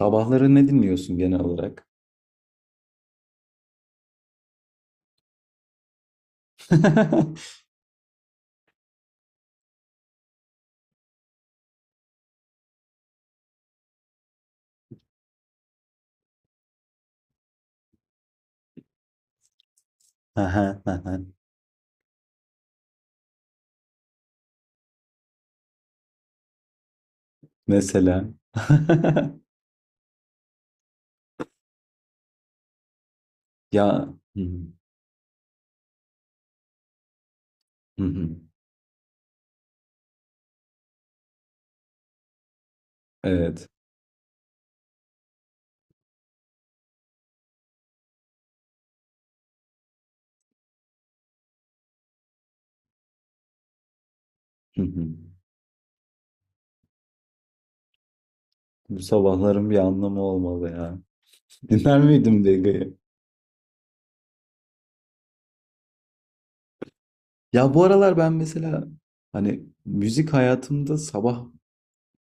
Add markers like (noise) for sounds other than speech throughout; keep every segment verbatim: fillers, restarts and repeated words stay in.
Sabahları ne dinliyorsun genel olarak? (laughs) Aha, aha. Mesela. (laughs) Ya. Hı hı, hı hı. Evet. Hı hı. Bu sabahların bir anlamı olmalı ya. Dinler miydim Dege'yi? Ya bu aralar ben mesela hani müzik hayatımda sabah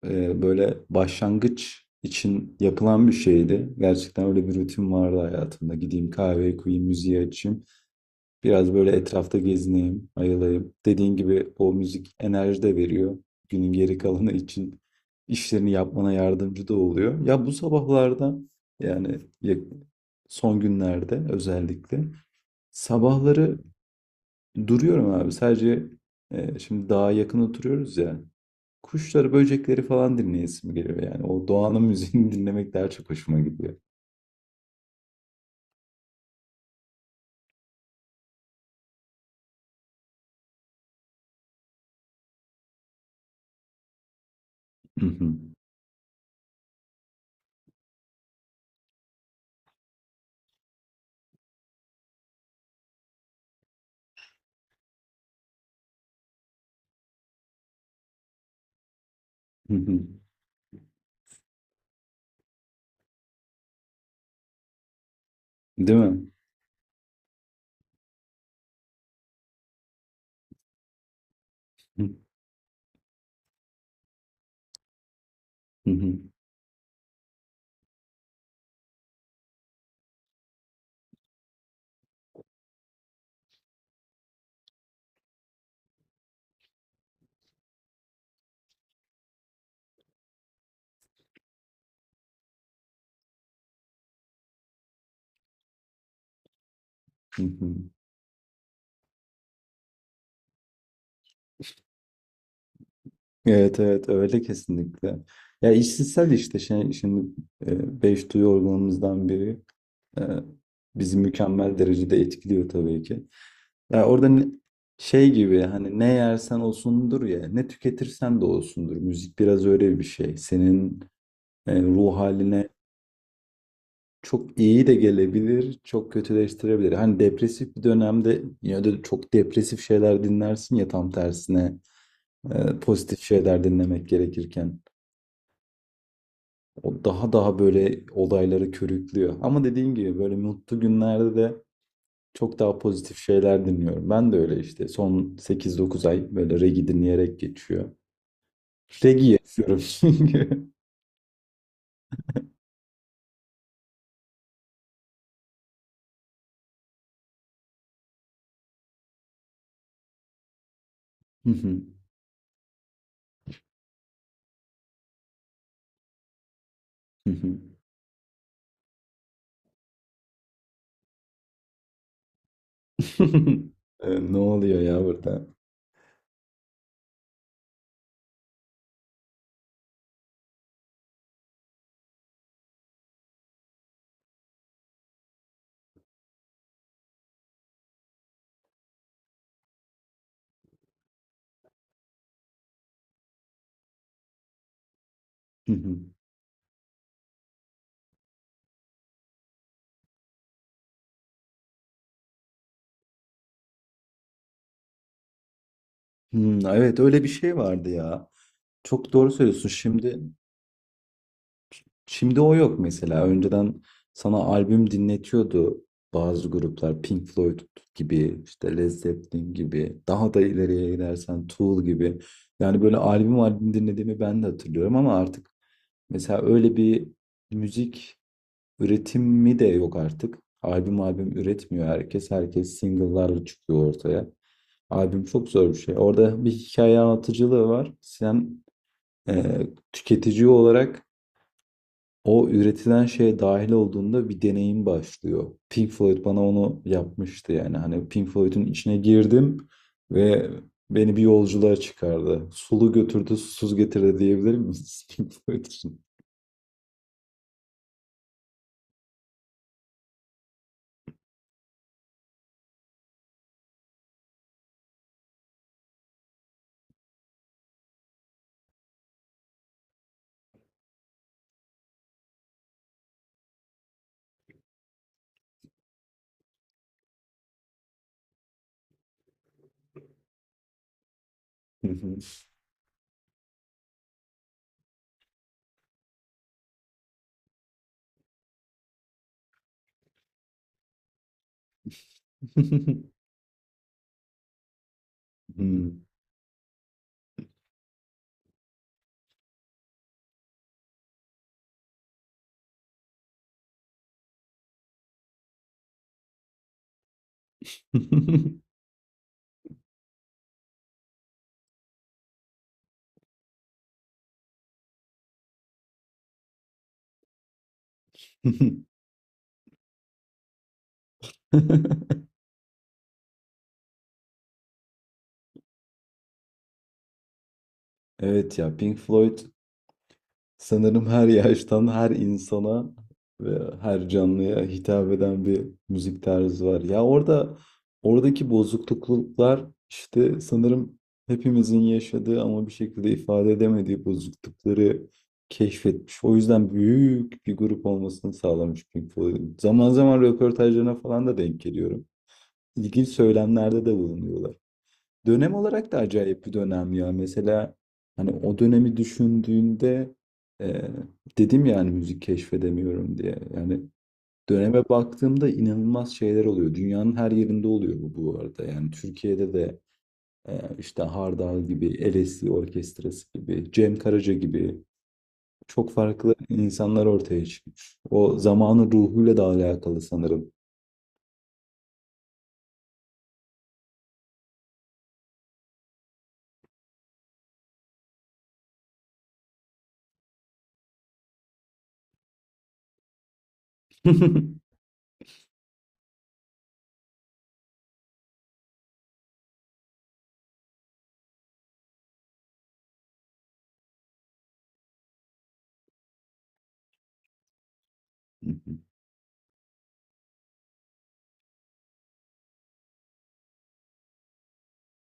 e, böyle başlangıç için yapılan bir şeydi. Gerçekten öyle bir rutin vardı hayatımda. Gideyim kahveyi koyayım, müziği açayım. Biraz böyle etrafta gezineyim, ayılayım. Dediğin gibi o müzik enerji de veriyor. Günün geri kalanı için işlerini yapmana yardımcı da oluyor. Ya bu sabahlarda yani ya- son günlerde özellikle sabahları duruyorum abi. Sadece e, şimdi dağa yakın oturuyoruz ya. Kuşları, böcekleri falan dinleyesim geliyor yani. O doğanın müziğini (laughs) dinlemek daha çok hoşuma gidiyor. (laughs) Değil mi? (laughs) Evet, evet, öyle kesinlikle. Ya işsizsel işte şey, şimdi e, beş duyu organımızdan biri e, bizi mükemmel derecede etkiliyor tabii ki. Ya orada ne- şey gibi hani ne yersen olsundur ya ne tüketirsen de olsundur. Müzik biraz öyle bir şey. Senin e, ruh haline çok iyi de gelebilir, çok kötüleştirebilir. Hani depresif bir dönemde ya da çok depresif şeyler dinlersin ya tam tersine e, pozitif şeyler dinlemek gerekirken. O daha daha böyle olayları körüklüyor. Ama dediğim gibi böyle mutlu günlerde de çok daha pozitif şeyler dinliyorum. Ben de öyle işte son sekiz dokuz ay böyle reggae dinleyerek geçiyor. Reggae yapıyorum. Çünkü. (laughs) Ee, Ne oluyor ya burada? (laughs) Hmm, evet öyle bir şey vardı ya. Çok doğru söylüyorsun. Şimdi Şimdi o yok mesela. Önceden sana albüm dinletiyordu bazı gruplar. Pink Floyd gibi, işte Led Zeppelin gibi, daha da ileriye gidersen Tool gibi. Yani böyle albüm albüm dinlediğimi ben de hatırlıyorum ama artık mesela öyle bir müzik üretimi de yok artık. Albüm albüm üretmiyor herkes. Herkes single'larla çıkıyor ortaya. Albüm çok zor bir şey. Orada bir hikaye anlatıcılığı var. Sen e, tüketici olarak o üretilen şeye dahil olduğunda bir deneyim başlıyor. Pink Floyd bana onu yapmıştı yani. Hani Pink Floyd'un içine girdim ve beni bir yolculuğa çıkardı. Sulu götürdü, susuz getirdi diyebilir miyiz (laughs) Pink Floyd için? (laughs) Hmm. (laughs) Evet ya, Pink Floyd, sanırım her yaştan, her insana ve her canlıya hitap eden bir müzik tarzı var. Ya orada oradaki bozukluklar işte sanırım hepimizin yaşadığı ama bir şekilde ifade edemediği bozuklukları keşfetmiş. O yüzden büyük bir grup olmasını sağlamış Pink Floyd. Zaman zaman röportajlarına falan da denk geliyorum. İlginç söylemlerde de bulunuyorlar. Dönem olarak da acayip bir dönem ya. Mesela hani o dönemi düşündüğünde e, dedim yani müzik keşfedemiyorum diye. Yani döneme baktığımda inanılmaz şeyler oluyor. Dünyanın her yerinde oluyor bu bu arada. Yani Türkiye'de de e, işte Hardal gibi, L S D Orkestrası gibi, Cem Karaca gibi çok farklı insanlar ortaya çıkmış. O zamanın ruhuyla da alakalı sanırım. (laughs)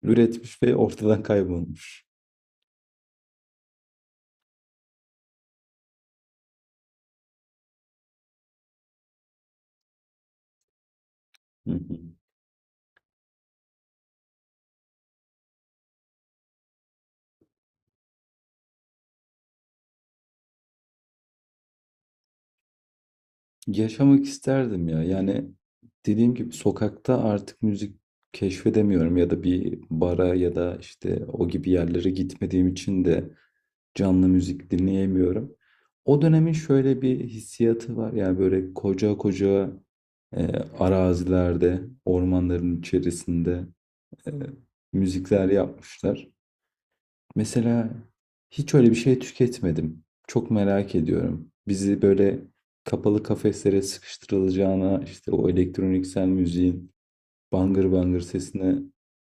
Üretmiş ve ortadan kaybolmuş. (laughs) Yaşamak isterdim ya. Yani dediğim gibi sokakta artık müzik keşfedemiyorum ya da bir bara ya da işte o gibi yerlere gitmediğim için de canlı müzik dinleyemiyorum. O dönemin şöyle bir hissiyatı var. Yani böyle koca koca e, arazilerde, ormanların içerisinde e, müzikler yapmışlar. Mesela hiç öyle bir şey tüketmedim. Çok merak ediyorum. Bizi böyle kapalı kafeslere sıkıştırılacağına işte o elektroniksel müziğin bangır bangır sesine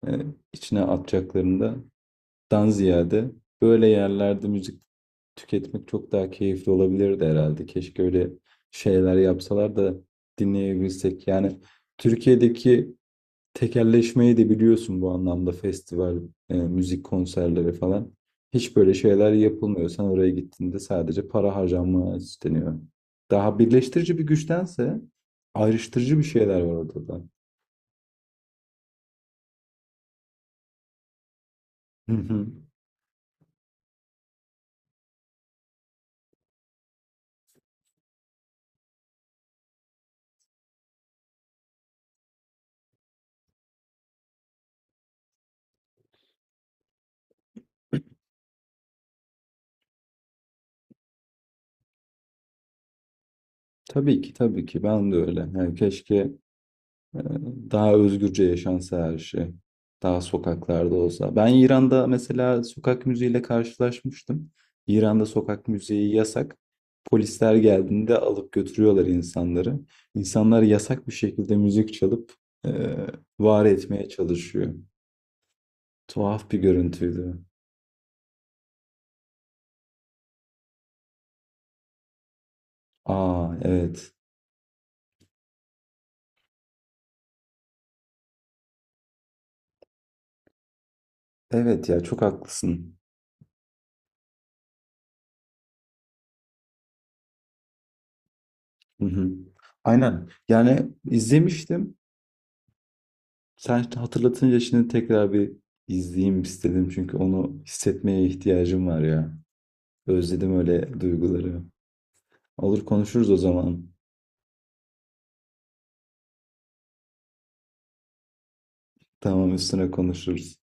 e, içine atacaklarından ziyade böyle yerlerde müzik tüketmek çok daha keyifli olabilirdi herhalde. Keşke öyle şeyler yapsalar da dinleyebilsek. Yani Türkiye'deki tekelleşmeyi de biliyorsun bu anlamda festival, e, müzik konserleri falan. Hiç böyle şeyler yapılmıyor. Sen oraya gittiğinde sadece para harcanmaya isteniyor. Daha birleştirici bir güçtense ayrıştırıcı bir şeyler var ortada. Hı hı. Tabii ki, tabii ki, ben de öyle. Yani keşke. Ee, Daha özgürce yaşansa her şey. Daha sokaklarda olsa. Ben İran'da mesela sokak müziğiyle karşılaşmıştım. İran'da sokak müziği yasak. Polisler geldiğinde alıp götürüyorlar insanları. İnsanlar yasak bir şekilde müzik çalıp e, var etmeye çalışıyor. Tuhaf bir görüntüydü. Aa, evet. Evet ya, çok haklısın. Hı hı. Aynen. Yani izlemiştim. Sen şimdi hatırlatınca şimdi tekrar bir izleyeyim istedim. Çünkü onu hissetmeye ihtiyacım var ya. Özledim öyle duyguları. Olur, konuşuruz o zaman. Tamam, üstüne konuşuruz.